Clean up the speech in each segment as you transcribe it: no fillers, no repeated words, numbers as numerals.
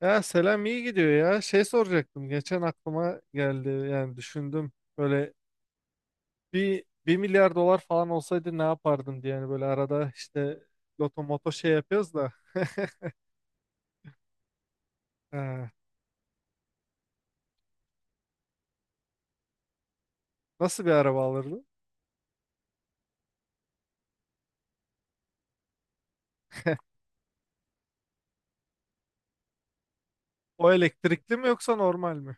Ya selam iyi gidiyor ya. Şey soracaktım. Geçen aklıma geldi. Yani düşündüm. Böyle bir milyar dolar falan olsaydı ne yapardın diye. Yani böyle arada işte loto moto şey yapıyoruz da. ha, Nasıl bir araba alırdın? O elektrikli mi yoksa normal mi?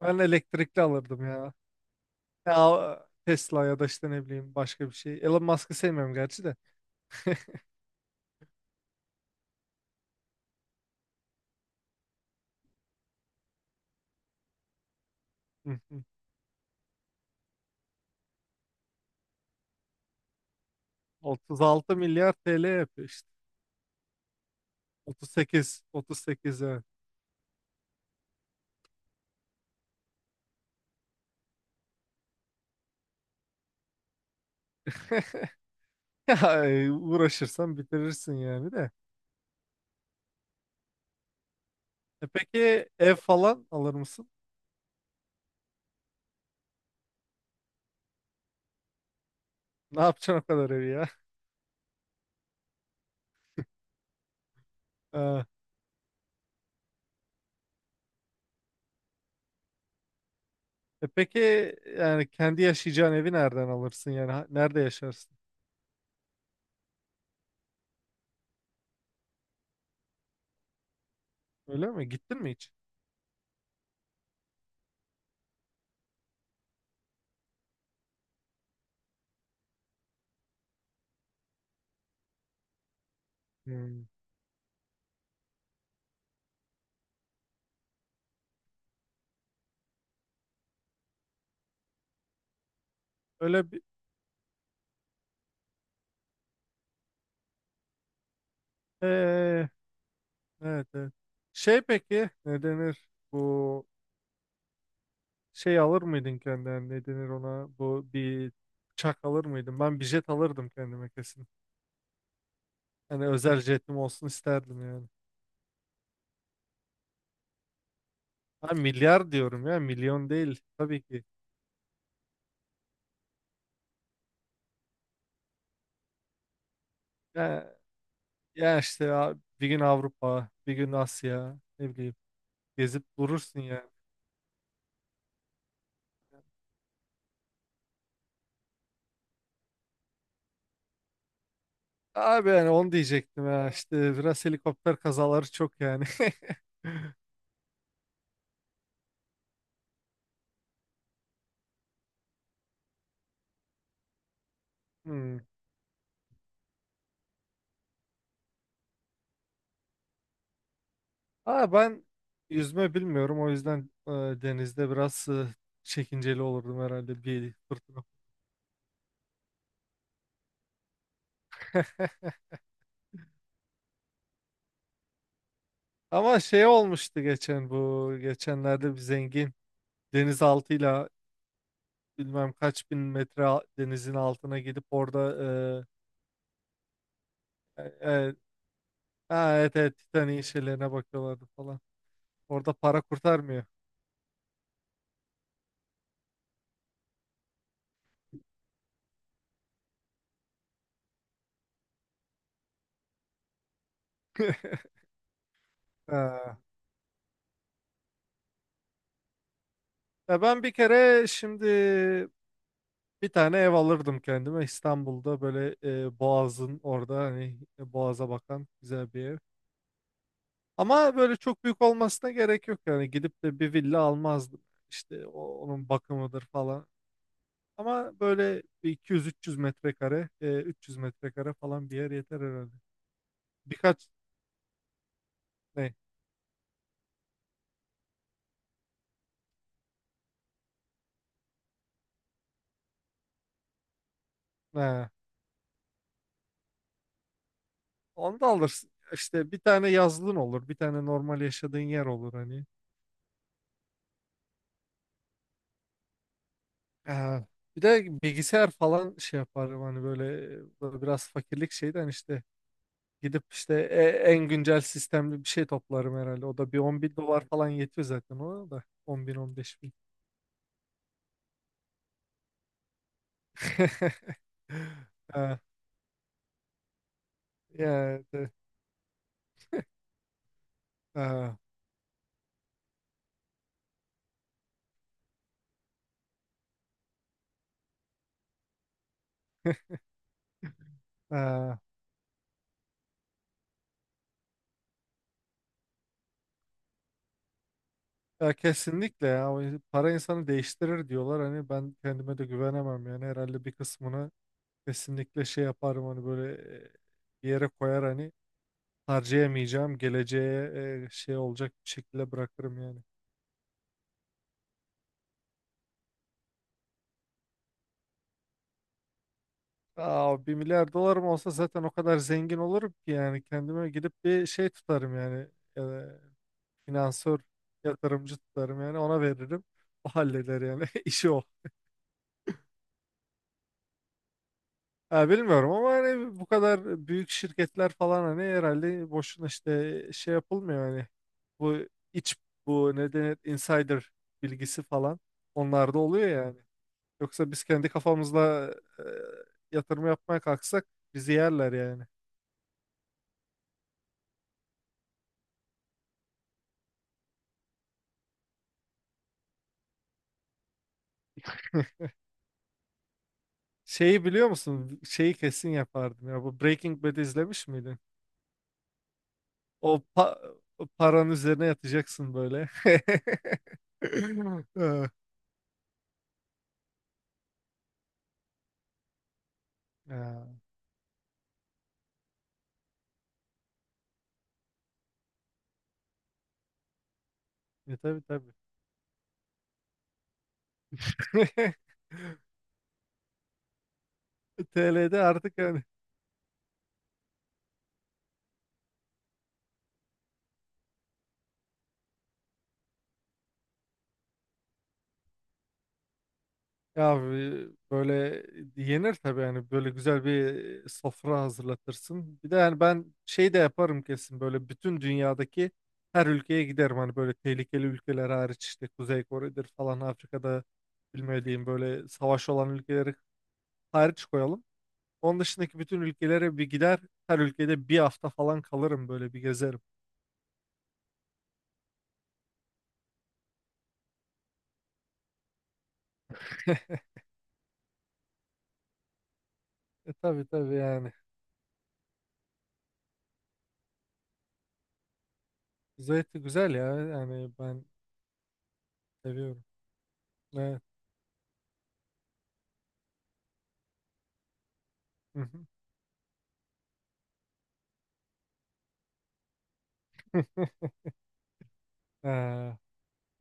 Ben elektrikli alırdım ya. Ya Tesla ya da işte ne bileyim başka bir şey. Elon Musk'ı sevmiyorum gerçi de. Hı hı. 36 milyar TL yapıyor işte. 38, 38 evet. Ya uğraşırsan bitirirsin yani de. E peki ev falan alır mısın? Ne yapacaksın o kadar evi ya? Ha. E peki yani kendi yaşayacağın evi nereden alırsın yani nerede yaşarsın? Öyle mi? Gittin mi hiç? Hmm. Öyle bir Ee, evet, evet. Şey peki ne denir? Bu şey alır mıydın kendine? Ne denir ona? Bu bir uçak alır mıydın? Ben bir jet alırdım kendime kesin. Hani özel jetim olsun isterdim yani. Ha, milyar diyorum ya milyon değil tabii ki. Ya işte abi, bir gün Avrupa, bir gün Asya, ne bileyim gezip durursun yani. Abi yani onu diyecektim ya işte biraz helikopter kazaları çok yani. Hmm. Aa, ben yüzme bilmiyorum o yüzden denizde biraz çekinceli olurdum herhalde bir fırtına. Ama şey olmuştu geçen bu geçenlerde bir zengin denizaltıyla bilmem kaç bin metre denizin altına gidip orada e, e, e, ha, evet evet Titanic'in şeylerine bakıyorlardı falan. Orada para kurtarmıyor. Ha. Ya ben bir kere şimdi bir tane ev alırdım kendime İstanbul'da böyle Boğaz'ın orada hani Boğaz'a bakan güzel bir ev. Ama böyle çok büyük olmasına gerek yok yani gidip de bir villa almazdım. İşte onun bakımıdır falan. Ama böyle bir 200-300 metrekare, 300 metrekare falan bir yer yeter herhalde. Birkaç ne? Ha. Onu da alırsın. İşte bir tane yazlığın olur, bir tane normal yaşadığın yer olur hani. Ee, Bir de bilgisayar falan şey yaparım hani böyle, böyle biraz fakirlik şeyden işte gidip işte en güncel sistemli bir şey toplarım herhalde. O da bir 10 bin dolar falan yetiyor zaten ona da 10 bin 15 bin. Ee, yani, de- ee, ee, ya kesinlikle ya. O para insanı değiştirir diyorlar hani, ben kendime de güvenemem yani. Herhalde bir kısmını kesinlikle şey yaparım hani böyle, bir yere koyar hani harcayamayacağım. Geleceğe şey olacak bir şekilde bırakırım yani. Aa, 1 milyar dolarım olsa zaten o kadar zengin olurum ki yani kendime gidip bir şey tutarım yani. E, Finansör, yatırımcı tutarım yani, ona veririm. O halleder yani işi o. Ha, bilmiyorum ama hani bu kadar büyük şirketler falan hani herhalde boşuna işte şey yapılmıyor hani. Bu iç, bu ne denir, insider bilgisi falan onlar da oluyor yani. Yoksa biz kendi kafamızla e, yatırım yapmaya kalksak bizi yerler yani. Şeyi biliyor musun? Şeyi kesin yapardım ya. Bu Breaking Bad izlemiş miydin? O pa- Paranın üzerine yatacaksın böyle. Ha, ya, tabii tabii. TL'de artık yani. Ya böyle yenir tabii yani, böyle güzel bir sofra hazırlatırsın. Bir de yani ben şey de yaparım kesin böyle, bütün dünyadaki her ülkeye giderim. Hani böyle tehlikeli ülkeler hariç, işte Kuzey Kore'dir falan, Afrika'da bilmediğim böyle savaş olan ülkeleri hariç koyalım. Onun dışındaki bütün ülkelere bir gider, her ülkede bir hafta falan kalırım, böyle bir gezerim. E tabii tabii yani. Kuzey eti güzel ya yani, ben seviyorum. Evet. Ee,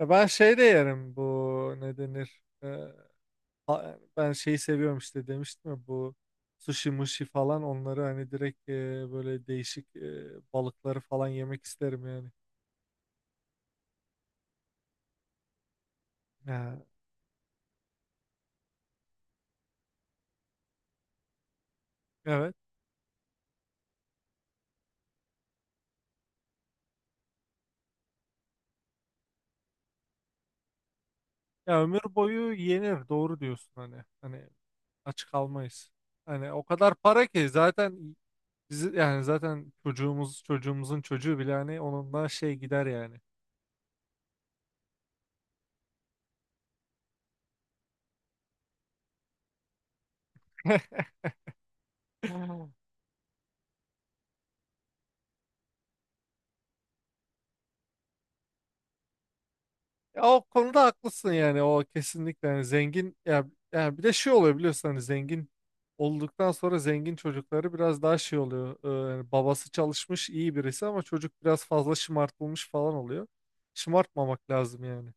Ya, ben şey de yerim, bu ne denir? Ben şeyi seviyorum işte, demiştim ya, bu sushi mushi falan, onları hani direkt böyle değişik balıkları falan yemek isterim yani. Ya, evet. Ya ömür boyu yenir, doğru diyorsun hani. Hani aç kalmayız. Hani o kadar para ki, zaten bizi yani zaten çocuğumuz, çocuğumuzun çocuğu bile hani, onunla şey gider yani. Ya o konuda haklısın yani, o kesinlikle yani. Zengin ya, ya bir de şey oluyor biliyorsun hani, zengin olduktan sonra zengin çocukları biraz daha şey oluyor. Yani babası çalışmış, iyi birisi ama çocuk biraz fazla şımartılmış falan oluyor. Şımartmamak lazım yani.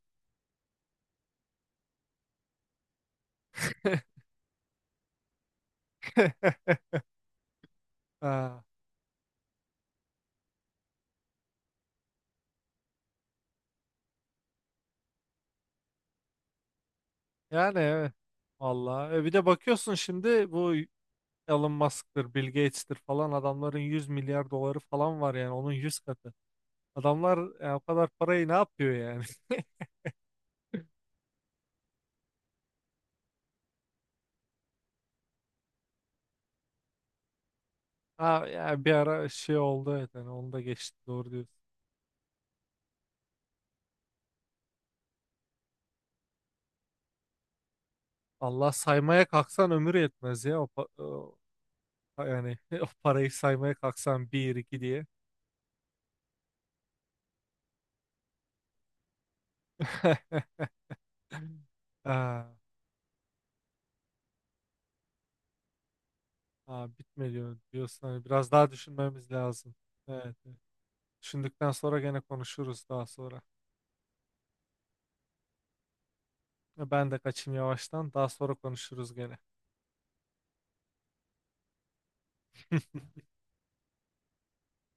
Ha, yani evet, vallahi. Bir de bakıyorsun şimdi, bu Elon Musk'tır, Bill Gates'tir falan adamların 100 milyar doları falan var yani, onun 100 katı adamlar yani. O kadar parayı ne yapıyor yani? Ha, ya bir ara şey oldu, evet yani onu da geçti, doğru diyorsun. Allah saymaya kalksan ömür yetmez ya, yani o parayı saymaya kalksan bir iki diye. Ha, ha, bitmiyor diyorsun hani, biraz daha düşünmemiz lazım. Evet, evet. Düşündükten sonra gene konuşuruz daha sonra. Ben de kaçayım yavaştan, daha sonra konuşuruz gene.